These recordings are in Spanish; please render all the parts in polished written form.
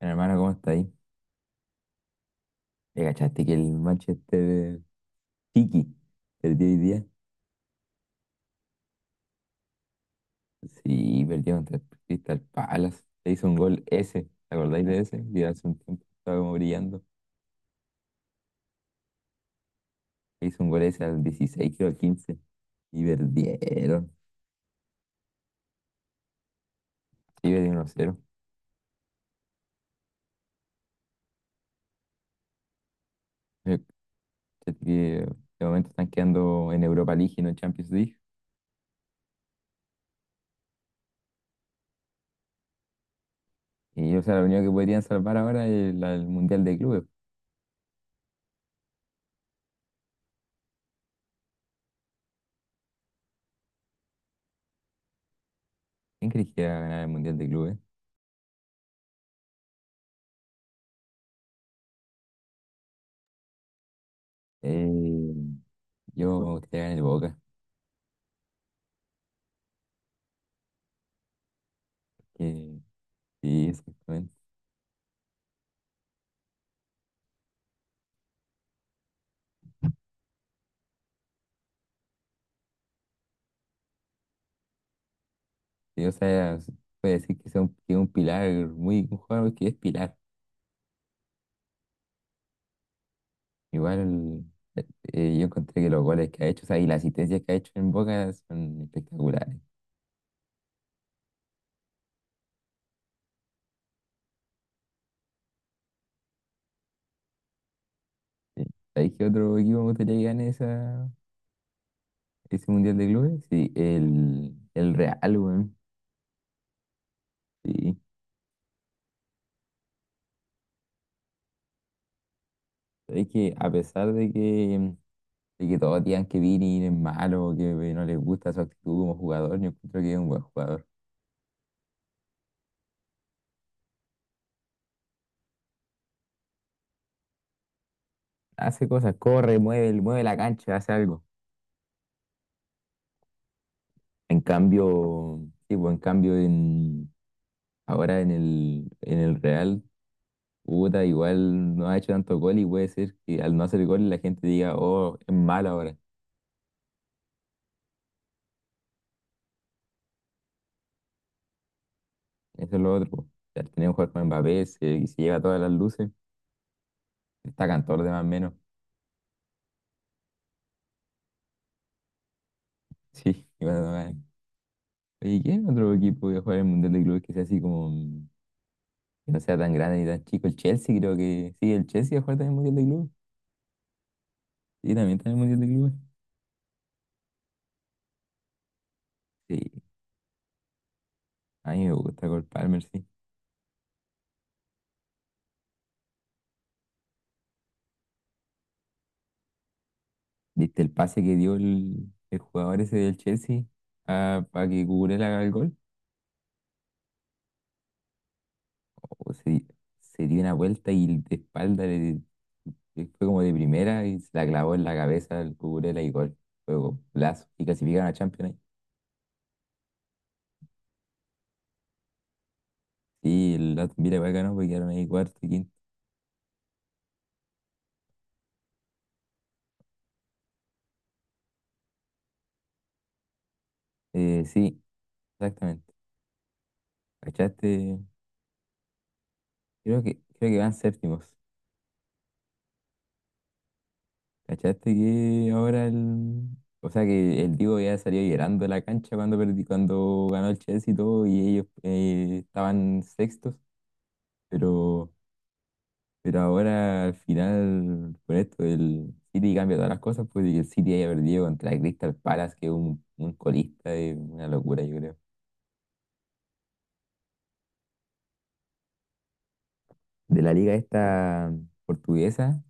Bueno, Hermano, ¿cómo está ahí? ¿Le cachaste que el Manchester City perdió hoy día? Sí, perdió contra el Crystal Palace. Le hizo un gol ese, ¿te acordáis de ese? Que hace un tiempo estaba como brillando. Le hizo un gol ese al 16 creo, al 15 y perdieron. Sí, perdieron 1-0. Le cachaste que De momento están quedando en Europa League y no en Champions League. Y o sea, lo único que podrían salvar ahora es el Mundial de Clubes. ¿Quién crees que va a ganar el Mundial de Clubes? Eh, yo me gustaría ganar el Boca. Que Sí, exactamente. Sí, o sea, se puede decir que es un pilar, muy, un jugador que es pilar. Igual eh, yo encontré que los goles que ha hecho, o sea, y las asistencias que ha hecho en Boca son espectaculares. Sí. ¿Sabéis qué otro equipo me gustaría que gane ese Mundial de Clubes? Sí, el Real, weón. Sí. ¿Sabéis que a pesar de que todos digan que Vini es malo, que no les gusta su actitud como jugador, yo encuentro que es un buen jugador. Hace cosas, corre, mueve, mueve la cancha, hace algo. En cambio, sí, pues, en cambio en, ahora en el, Real, puta, igual no ha hecho tanto gol y puede ser que al no hacer gol la gente diga, oh, es malo ahora. Eso es lo otro, po. Al tener un jugador como Mbappé y se lleva todas las luces, destacan todos los demás menos. Sí, y bueno, vale. Oye, ¿qué otro equipo que juega en el Mundial de Clubes que sea así como, que no sea tan grande ni tan chico? El Chelsea creo que, sí, el Chelsea va a jugar también el Mundial de Clubes. Sí, también está en el Mundial de Clubes. Sí, a mí me gusta Cole Palmer, sí. ¿Viste el pase que dio el jugador ese del Chelsea para que Cucurella haga el gol? O se, se dio una vuelta y de espalda le fue como de primera y se la clavó en la cabeza al Cucurella y gol. Fue plazo y clasificaron a Champions League. Sí, el Aston Villa igual ganó porque quedaron ahí cuarto y quinto. Sí, exactamente. ¿Cachaste? Creo que van séptimos. ¿Cachaste que ahora el... O sea que el Diego ya salió llorando de la cancha cuando cuando ganó el Chelsea y todo, y ellos estaban sextos, pero, pero ahora al final, por esto, el City cambia todas las cosas, pues y el City haya perdido contra el Crystal Palace, que es un colista, es una locura, yo creo. De la liga esta portuguesa,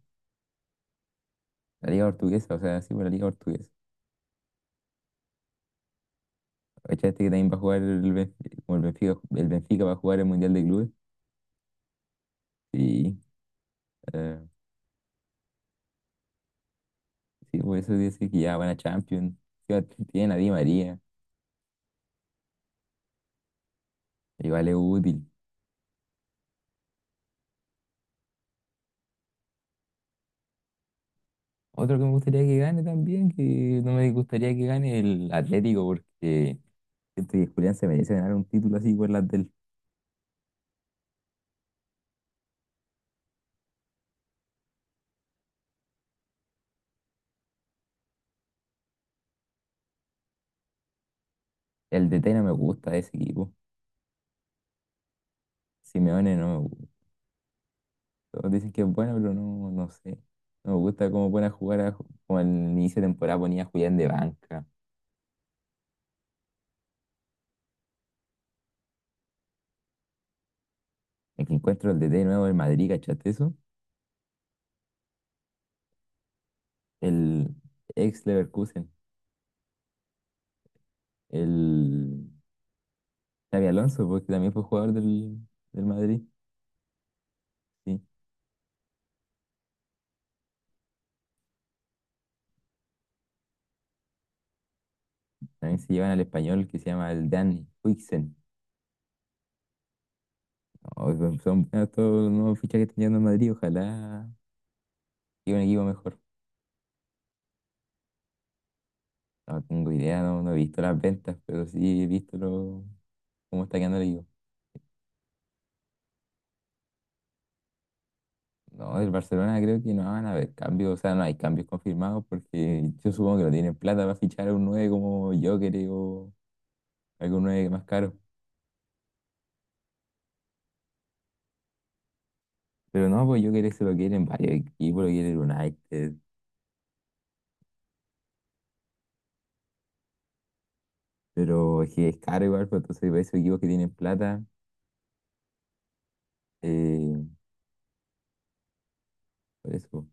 la liga portuguesa, o sea, sí, por la liga portuguesa. ¿Cachaste que también va a jugar el Benfica, como el Benfica va a jugar el Mundial de Clubes? Sí. Sí, por eso dice que ya van a Champions. Ya tienen a Di María, igual es útil. Otro que me gustaría que gane también, que no me gustaría que gane el Atlético, porque siento que Julián se merece ganar un título así por las del. El DT no me gusta de ese equipo. Simeone no me gusta. Todos dicen que es bueno, pero no, no sé. No me gusta cómo pone a jugar, como al inicio de temporada ponía a Julián de banca. El que encuentro el DT nuevo del Madrid, ¿cachaste eso? El ex Leverkusen. El Xabi Alonso, porque también fue jugador del Madrid. Sí. También se llevan al español que se llama el Dan Huijsen. No, son buenos todos los nuevos fichajes que están llegando al Madrid. Ojalá llegue un equipo mejor. No tengo idea, no, no he visto las ventas, pero sí he visto cómo está quedando el equipo. No, del Barcelona creo que no van a haber cambios, o sea, no hay cambios confirmados porque yo supongo que no tienen plata para fichar a un 9 como Joker o algún 9 más caro. Pero no, pues Joker se lo quieren varios equipos, lo quiere el United. Pero es que es caro igual, pues, entonces para esos equipos que tienen plata, eh, por eso.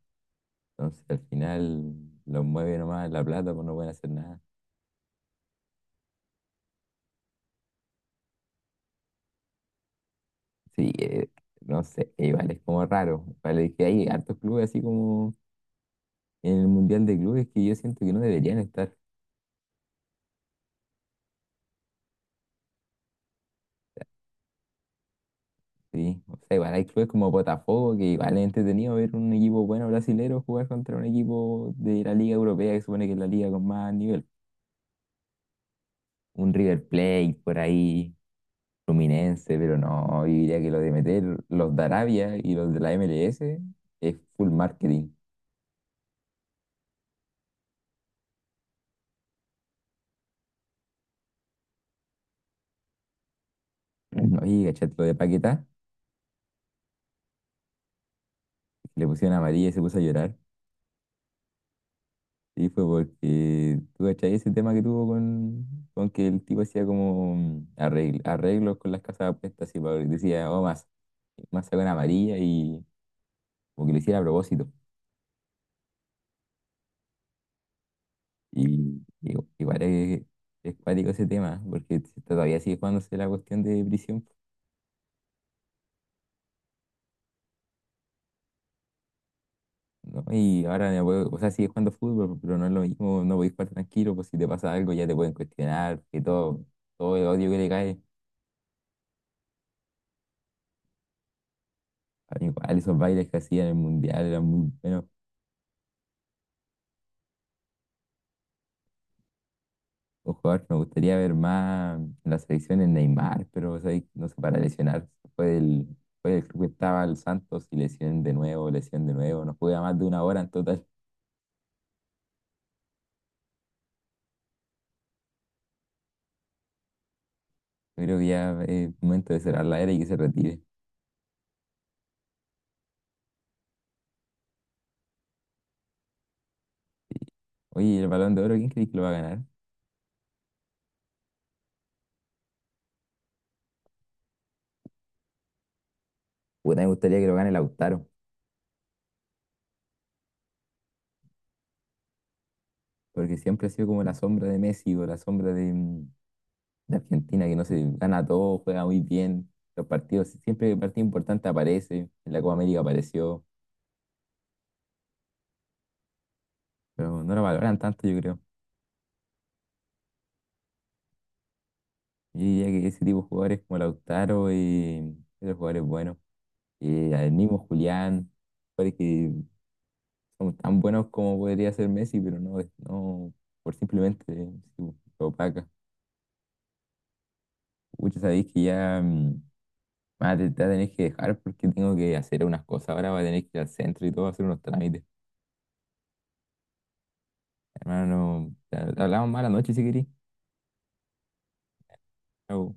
Entonces al final los mueve nomás la plata, pues no pueden hacer nada. Sí, no sé, igual es como raro. Vale, es que hay hartos clubes así como en el Mundial de Clubes que yo siento que no deberían estar. Sí, o sea, igual hay clubes como Botafogo que igual es entretenido ver un equipo bueno brasilero jugar contra un equipo de la Liga Europea que supone que es la liga con más nivel. Un River Plate por ahí Fluminense, pero no, yo diría que lo de meter los de Arabia y los de la MLS es full marketing. Oye, ¿cachai? Lo de Paquetá, que le pusieron amarilla y se puso a llorar. Y fue porque, ¿tú cachai? Ese tema que tuvo con que el tipo hacía como arreglos con las casas de apuestas y decía, oh, más, más sacó una amarilla y como que lo hiciera a propósito. Y igual es cuático ese tema, porque todavía sigue jugándose la cuestión de prisión, ¿no? Y ahora, o sea, sigue jugando fútbol, pero no es lo mismo, no podéis jugar tranquilo, pues si te pasa algo ya te pueden cuestionar, que todo el odio que le cae. Al igual esos bailes que hacían en el Mundial eran muy buenos. Un jugador que me gustaría ver más en la selección es Neymar, pero o sea, ahí no sé, para lesionar. Fue del, fue del club que estaba el Santos y lesión de nuevo, lesión de nuevo. No juega más de una hora en total. Yo creo que ya es momento de cerrar la era y que se retire. Oye, ¿y el Balón de Oro, quién crees que lo va a ganar? Puta, me gustaría que lo gane Lautaro. Porque siempre ha sido como la sombra de Messi o la sombra de, de Argentina, que no se gana todo, juega muy bien. Los partidos, si, siempre que partido importante aparece, en la Copa América apareció, pero no lo valoran tanto, yo creo. Yo diría que ese tipo de jugadores como Lautaro y otros jugadores buenos, el mismo Julián, jugadores que son tan buenos como podría ser Messi, pero no, no por simplemente su opaca. Muchos sabéis que ya. Ah, te voy a tener que dejar porque tengo que hacer unas cosas. Ahora voy a tener que ir al centro y todo, hacer unos trámites. Hermano, te hablamos más la noche si querís. Chau.